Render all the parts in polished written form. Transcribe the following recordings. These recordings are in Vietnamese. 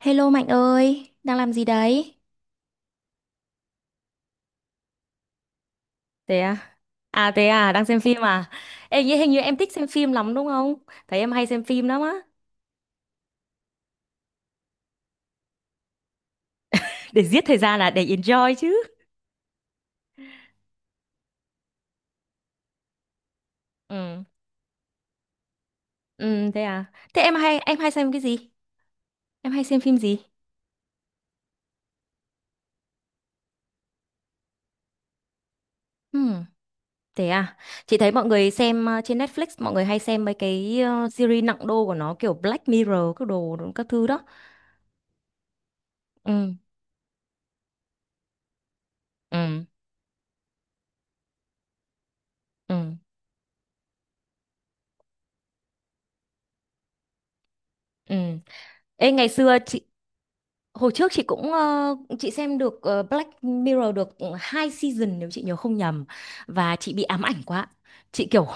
Hello Mạnh ơi, đang làm gì đấy? Thế à? Thế à, đang xem phim à? Ê, nghĩ hình như em thích xem phim lắm đúng không? Thấy em hay xem phim lắm á. Để giết thời gian là để enjoy chứ. Ừ. Ừ thế à. Thế em hay xem cái gì? Em hay xem phim gì? Ừ. Thế à. Chị thấy mọi người xem trên Netflix mọi người hay xem mấy cái series nặng đô của nó kiểu Black Mirror các đồ các thứ đó. Ừ. Ừ. Ừ. Ừ. Ê ngày xưa chị Hồi trước chị cũng chị xem được Black Mirror được hai season nếu chị nhớ không nhầm và chị bị ám ảnh quá. Chị kiểu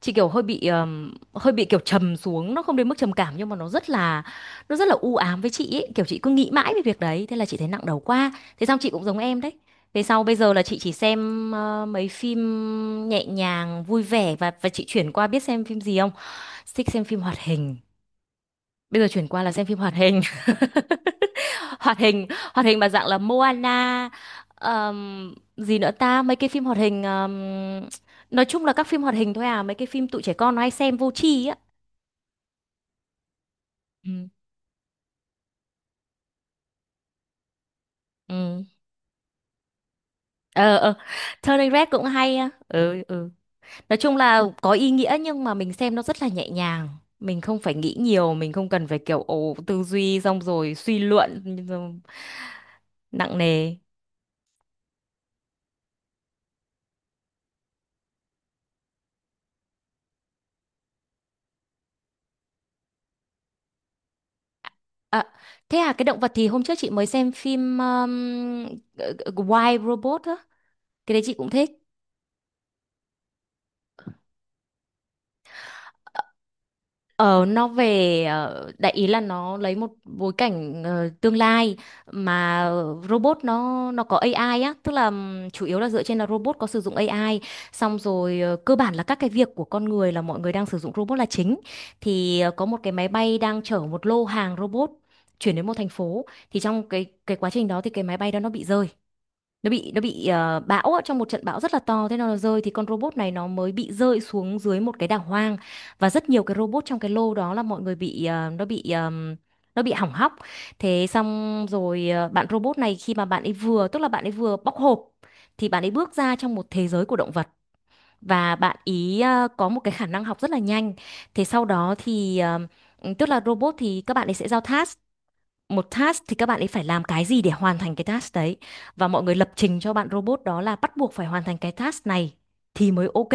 chị kiểu hơi bị kiểu trầm xuống, nó không đến mức trầm cảm nhưng mà nó rất là u ám với chị ấy, kiểu chị cứ nghĩ mãi về việc đấy, thế là chị thấy nặng đầu quá. Thế xong chị cũng giống em đấy. Về sau bây giờ là chị chỉ xem mấy phim nhẹ nhàng, vui vẻ và chị chuyển qua biết xem phim gì không? Thích xem phim hoạt hình. Bây giờ chuyển qua là xem phim hoạt hình. Hoạt hình, hoạt hình mà dạng là Moana, gì nữa ta, mấy cái phim hoạt hình nói chung là các phim hoạt hình thôi à, mấy cái phim tụi trẻ con nó hay xem vô tri á. Ừ. Ừ. Ờ ờ, Turning Red cũng hay á. Ừ ừ. Nói chung là có ý nghĩa nhưng mà mình xem nó rất là nhẹ nhàng. Mình không phải nghĩ nhiều, mình không cần phải kiểu ồ tư duy xong rồi suy luận nặng nề. À, thế à cái động vật thì hôm trước chị mới xem phim ờ, Wild Robot á. Cái đấy chị cũng thích. Ờ, nó về đại ý là nó lấy một bối cảnh tương lai mà robot nó có AI á, tức là chủ yếu là dựa trên là robot có sử dụng AI, xong rồi cơ bản là các cái việc của con người là mọi người đang sử dụng robot là chính. Thì có một cái máy bay đang chở một lô hàng robot chuyển đến một thành phố thì trong cái quá trình đó thì cái máy bay đó nó bị rơi nó bị bão ạ, trong một trận bão rất là to thế nó rơi thì con robot này nó mới bị rơi xuống dưới một cái đảo hoang và rất nhiều cái robot trong cái lô đó là mọi người bị nó bị nó bị hỏng hóc thế xong rồi bạn robot này khi mà bạn ấy vừa tức là bạn ấy vừa bóc hộp thì bạn ấy bước ra trong một thế giới của động vật và bạn ý có một cái khả năng học rất là nhanh thế sau đó thì tức là robot thì các bạn ấy sẽ giao task một task thì các bạn ấy phải làm cái gì để hoàn thành cái task đấy và mọi người lập trình cho bạn robot đó là bắt buộc phải hoàn thành cái task này thì mới ok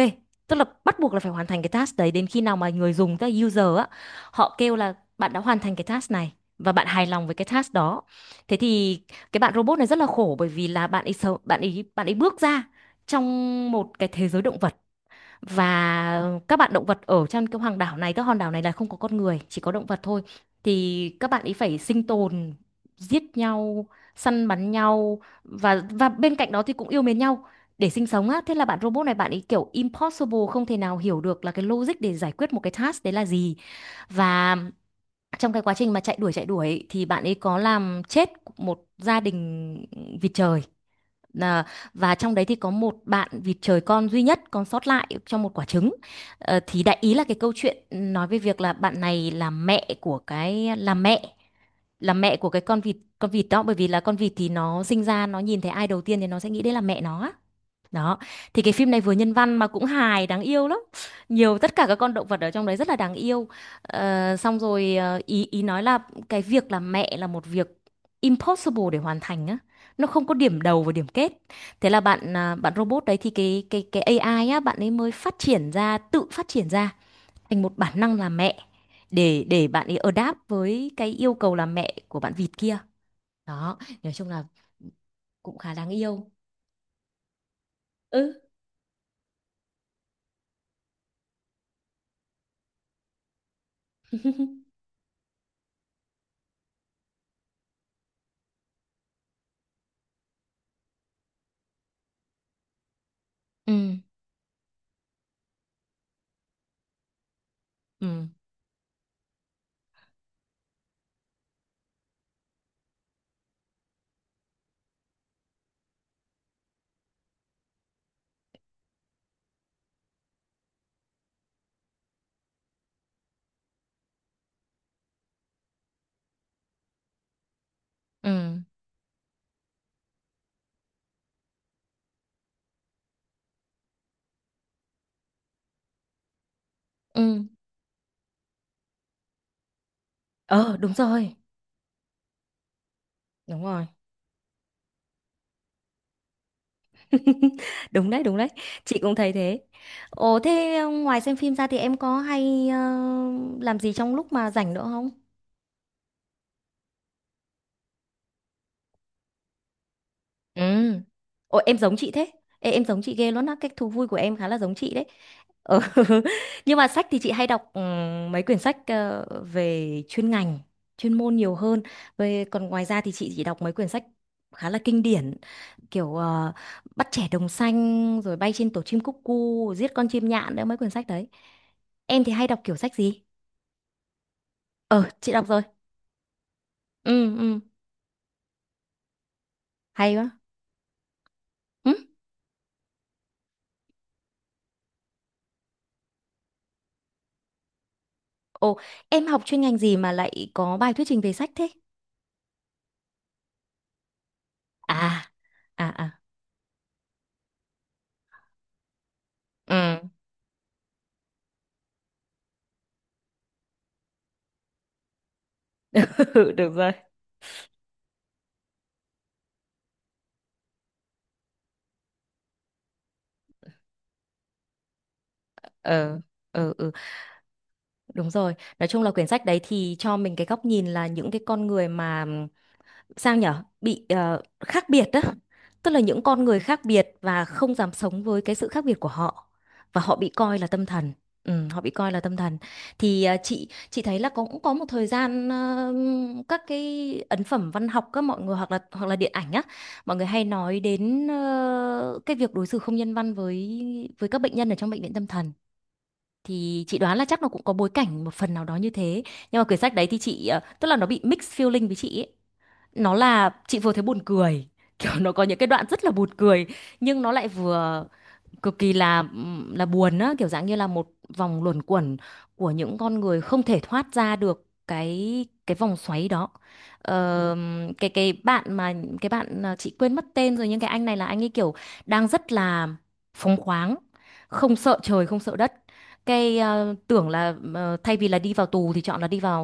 tức là bắt buộc là phải hoàn thành cái task đấy đến khi nào mà người dùng tức là user á họ kêu là bạn đã hoàn thành cái task này và bạn hài lòng với cái task đó thế thì cái bạn robot này rất là khổ bởi vì là bạn ấy bước ra trong một cái thế giới động vật và các bạn động vật ở trên cái hoàng đảo này các hòn đảo này là không có con người chỉ có động vật thôi thì các bạn ấy phải sinh tồn giết nhau săn bắn nhau và bên cạnh đó thì cũng yêu mến nhau để sinh sống á thế là bạn robot này bạn ấy kiểu impossible không thể nào hiểu được là cái logic để giải quyết một cái task đấy là gì và trong cái quá trình mà chạy đuổi thì bạn ấy có làm chết một gia đình vịt trời. À, và trong đấy thì có một bạn vịt trời con duy nhất còn sót lại trong một quả trứng. Ờ, thì đại ý là cái câu chuyện nói về việc là bạn này là mẹ của cái là mẹ của cái con vịt đó bởi vì là con vịt thì nó sinh ra nó nhìn thấy ai đầu tiên thì nó sẽ nghĩ đấy là mẹ nó á. Đó, thì cái phim này vừa nhân văn mà cũng hài, đáng yêu lắm. Nhiều tất cả các con động vật ở trong đấy rất là đáng yêu. Ờ, xong rồi ý ý nói là cái việc làm mẹ là một việc impossible để hoàn thành á. Nó không có điểm đầu và điểm kết. Thế là bạn robot đấy thì cái AI á bạn ấy mới phát triển ra, tự phát triển ra thành một bản năng làm mẹ để bạn ấy adapt với cái yêu cầu làm mẹ của bạn vịt kia. Đó, nói chung là cũng khá đáng yêu. Ừ. Ừ. Ừ. Ừ ừ. Ờ, đúng rồi. Đúng rồi. Đúng đấy, đúng đấy. Chị cũng thấy thế. Ồ thế ngoài xem phim ra thì em có hay làm gì trong lúc mà rảnh nữa không? Ừ. Ôi em giống chị thế. Ê, em giống chị ghê luôn á, cách thú vui của em khá là giống chị đấy. Ờ, nhưng mà sách thì chị hay đọc mấy quyển sách về chuyên ngành, chuyên môn nhiều hơn. Về còn ngoài ra thì chị chỉ đọc mấy quyển sách khá là kinh điển kiểu Bắt trẻ đồng xanh rồi bay trên tổ chim cúc cu, giết con chim nhạn đấy mấy quyển sách đấy. Em thì hay đọc kiểu sách gì? Ờ, chị đọc rồi. Ừ ừ, hay quá. Ừ. Ồ, em học chuyên ngành gì mà lại có bài thuyết trình về sách thế? À, à à. Ừ. Được rồi. Ừ ừ. Ừ. Đúng rồi, nói chung là quyển sách đấy thì cho mình cái góc nhìn là những cái con người mà sao nhở bị khác biệt đó tức là những con người khác biệt và không dám sống với cái sự khác biệt của họ và họ bị coi là tâm thần. Ừ, họ bị coi là tâm thần thì chị thấy là cũng có một thời gian các cái ấn phẩm văn học các mọi người hoặc là điện ảnh á mọi người hay nói đến cái việc đối xử không nhân văn với các bệnh nhân ở trong bệnh viện tâm thần thì chị đoán là chắc nó cũng có bối cảnh một phần nào đó như thế nhưng mà quyển sách đấy thì chị tức là nó bị mixed feeling với chị ấy nó là chị vừa thấy buồn cười kiểu nó có những cái đoạn rất là buồn cười nhưng nó lại vừa cực kỳ là buồn á kiểu dạng như là một vòng luẩn quẩn của những con người không thể thoát ra được cái vòng xoáy đó. Ờ, cái cái bạn mà chị quên mất tên rồi nhưng cái anh này là anh ấy kiểu đang rất là phóng khoáng không sợ trời không sợ đất cái à, tưởng là thay vì là đi vào tù thì chọn là đi vào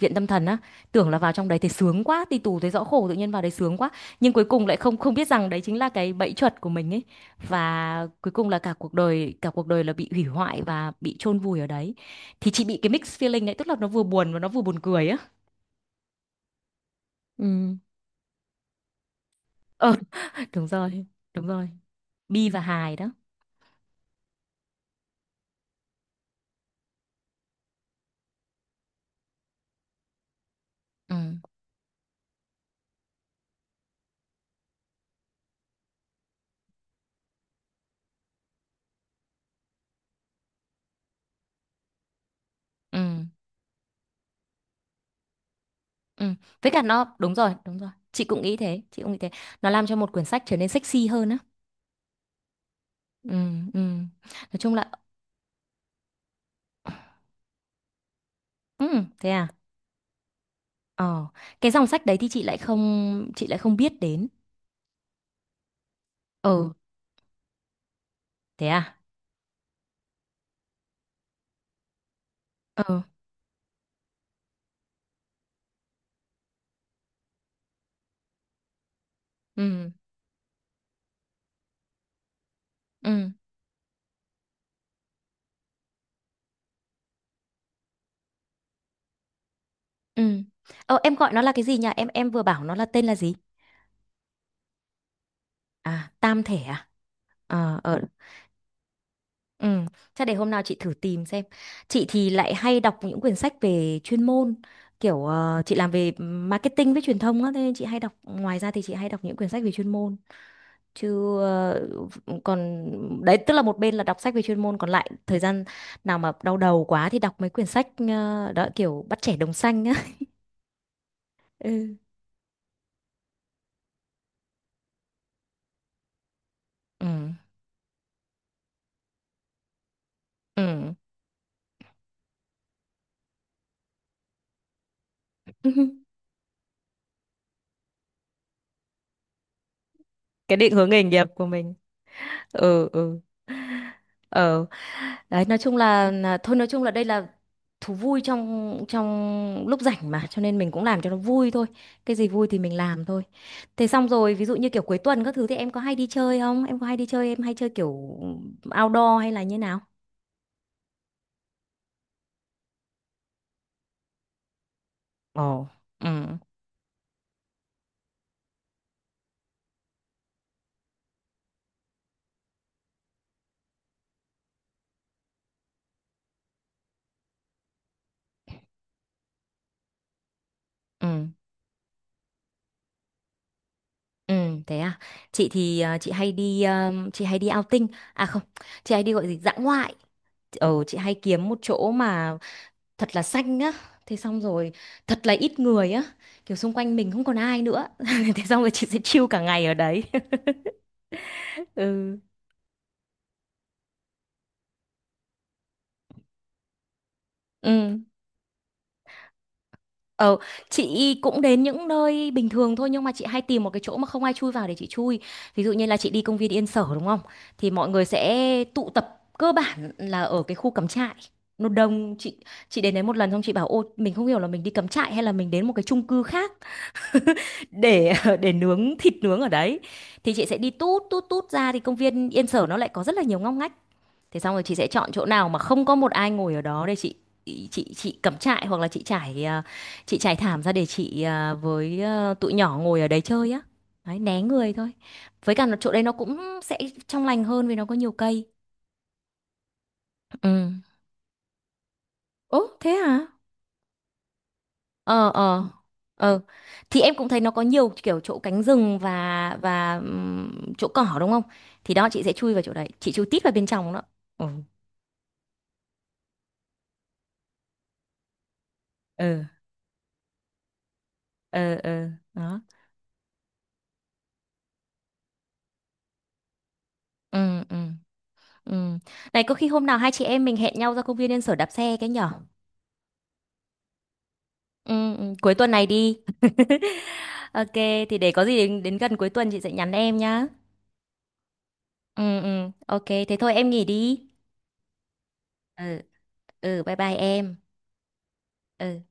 viện tâm thần á tưởng là vào trong đấy thì sướng quá đi tù thấy rõ khổ tự nhiên vào đấy sướng quá nhưng cuối cùng lại không không biết rằng đấy chính là cái bẫy chuột của mình ấy và cuối cùng là cả cuộc đời là bị hủy hoại và bị chôn vùi ở đấy thì chị bị cái mixed feeling đấy tức là nó vừa buồn và nó vừa buồn cười á. Ừ. Ờ, đúng rồi, đúng rồi. Bi và hài đó. Ừ ừ ừ, với cả nó đúng rồi, đúng rồi, chị cũng nghĩ thế, nó làm cho một quyển sách trở nên sexy hơn á. Ừ ừ. Nói chung là, ừ, thế à. Ờ, cái dòng sách đấy thì chị lại không biết đến. Ờ, thế à. Ờ ừ ừ. Ừ. Ờ, em gọi nó là cái gì nhỉ? Em vừa bảo nó là tên là gì? À, tam thể à? Ờ, ờ, ừ. Chắc để hôm nào chị thử tìm xem. Chị thì lại hay đọc những quyển sách về chuyên môn, kiểu chị làm về marketing với truyền thông á, thế nên chị hay đọc. Ngoài ra thì chị hay đọc những quyển sách về chuyên môn. Chứ còn đấy tức là một bên là đọc sách về chuyên môn, còn lại thời gian nào mà đau đầu quá thì đọc mấy quyển sách đó kiểu bắt trẻ đồng xanh á. Ừ. Ừ. Ừ. Cái định hướng nghề nghiệp của mình. Ừ ừ. Ờ, đấy nói chung là, đây là thú vui trong trong lúc rảnh mà cho nên mình cũng làm cho nó vui thôi, cái gì vui thì mình làm thôi. Thế xong rồi ví dụ như kiểu cuối tuần các thứ thì em có hay đi chơi không, em có hay đi chơi em hay chơi kiểu outdoor hay là như nào? Ồ. Ừ ừ ừ, thế à. Chị thì chị hay đi outing, à không chị hay đi gọi gì dã ngoại, ờ chị hay kiếm một chỗ mà thật là xanh á thế xong rồi thật là ít người á kiểu xung quanh mình không còn ai nữa thế xong rồi chị sẽ chill cả ngày ở đấy. Ừ ừ. Ờ, chị cũng đến những nơi bình thường thôi nhưng mà chị hay tìm một cái chỗ mà không ai chui vào để chị chui. Ví dụ như là chị đi công viên Yên Sở đúng không? Thì mọi người sẽ tụ tập cơ bản là ở cái khu cắm trại. Nó đông, chị đến đấy một lần xong chị bảo ô mình không hiểu là mình đi cắm trại hay là mình đến một cái chung cư khác để để nướng thịt nướng ở đấy thì chị sẽ đi tút tút tút ra thì công viên Yên Sở nó lại có rất là nhiều ngóc ngách thế xong rồi chị sẽ chọn chỗ nào mà không có một ai ngồi ở đó để chị cắm trại hoặc là chị trải thảm ra để với tụi nhỏ ngồi ở đấy chơi á, đấy, né người thôi, với cả là chỗ đấy nó cũng sẽ trong lành hơn vì nó có nhiều cây. Ừ, ố thế hả. Ờ ờ ờ, thì em cũng thấy nó có nhiều kiểu chỗ cánh rừng và chỗ cỏ đúng không thì đó chị sẽ chui vào chỗ đấy chị chui tít vào bên trong đó. Ừ ừ ừ ừ, đó, ừ ừ ừ, này có khi hôm nào hai chị em mình hẹn nhau ra công viên Yên Sở đạp xe cái nhở. Ừ, ừ. Cuối tuần này đi. Ok thì để có gì đến, đến gần cuối tuần chị sẽ nhắn em nhá. Ừ ừ, ok thế thôi em nghỉ đi. Ừ ừ, bye bye em. Ừ.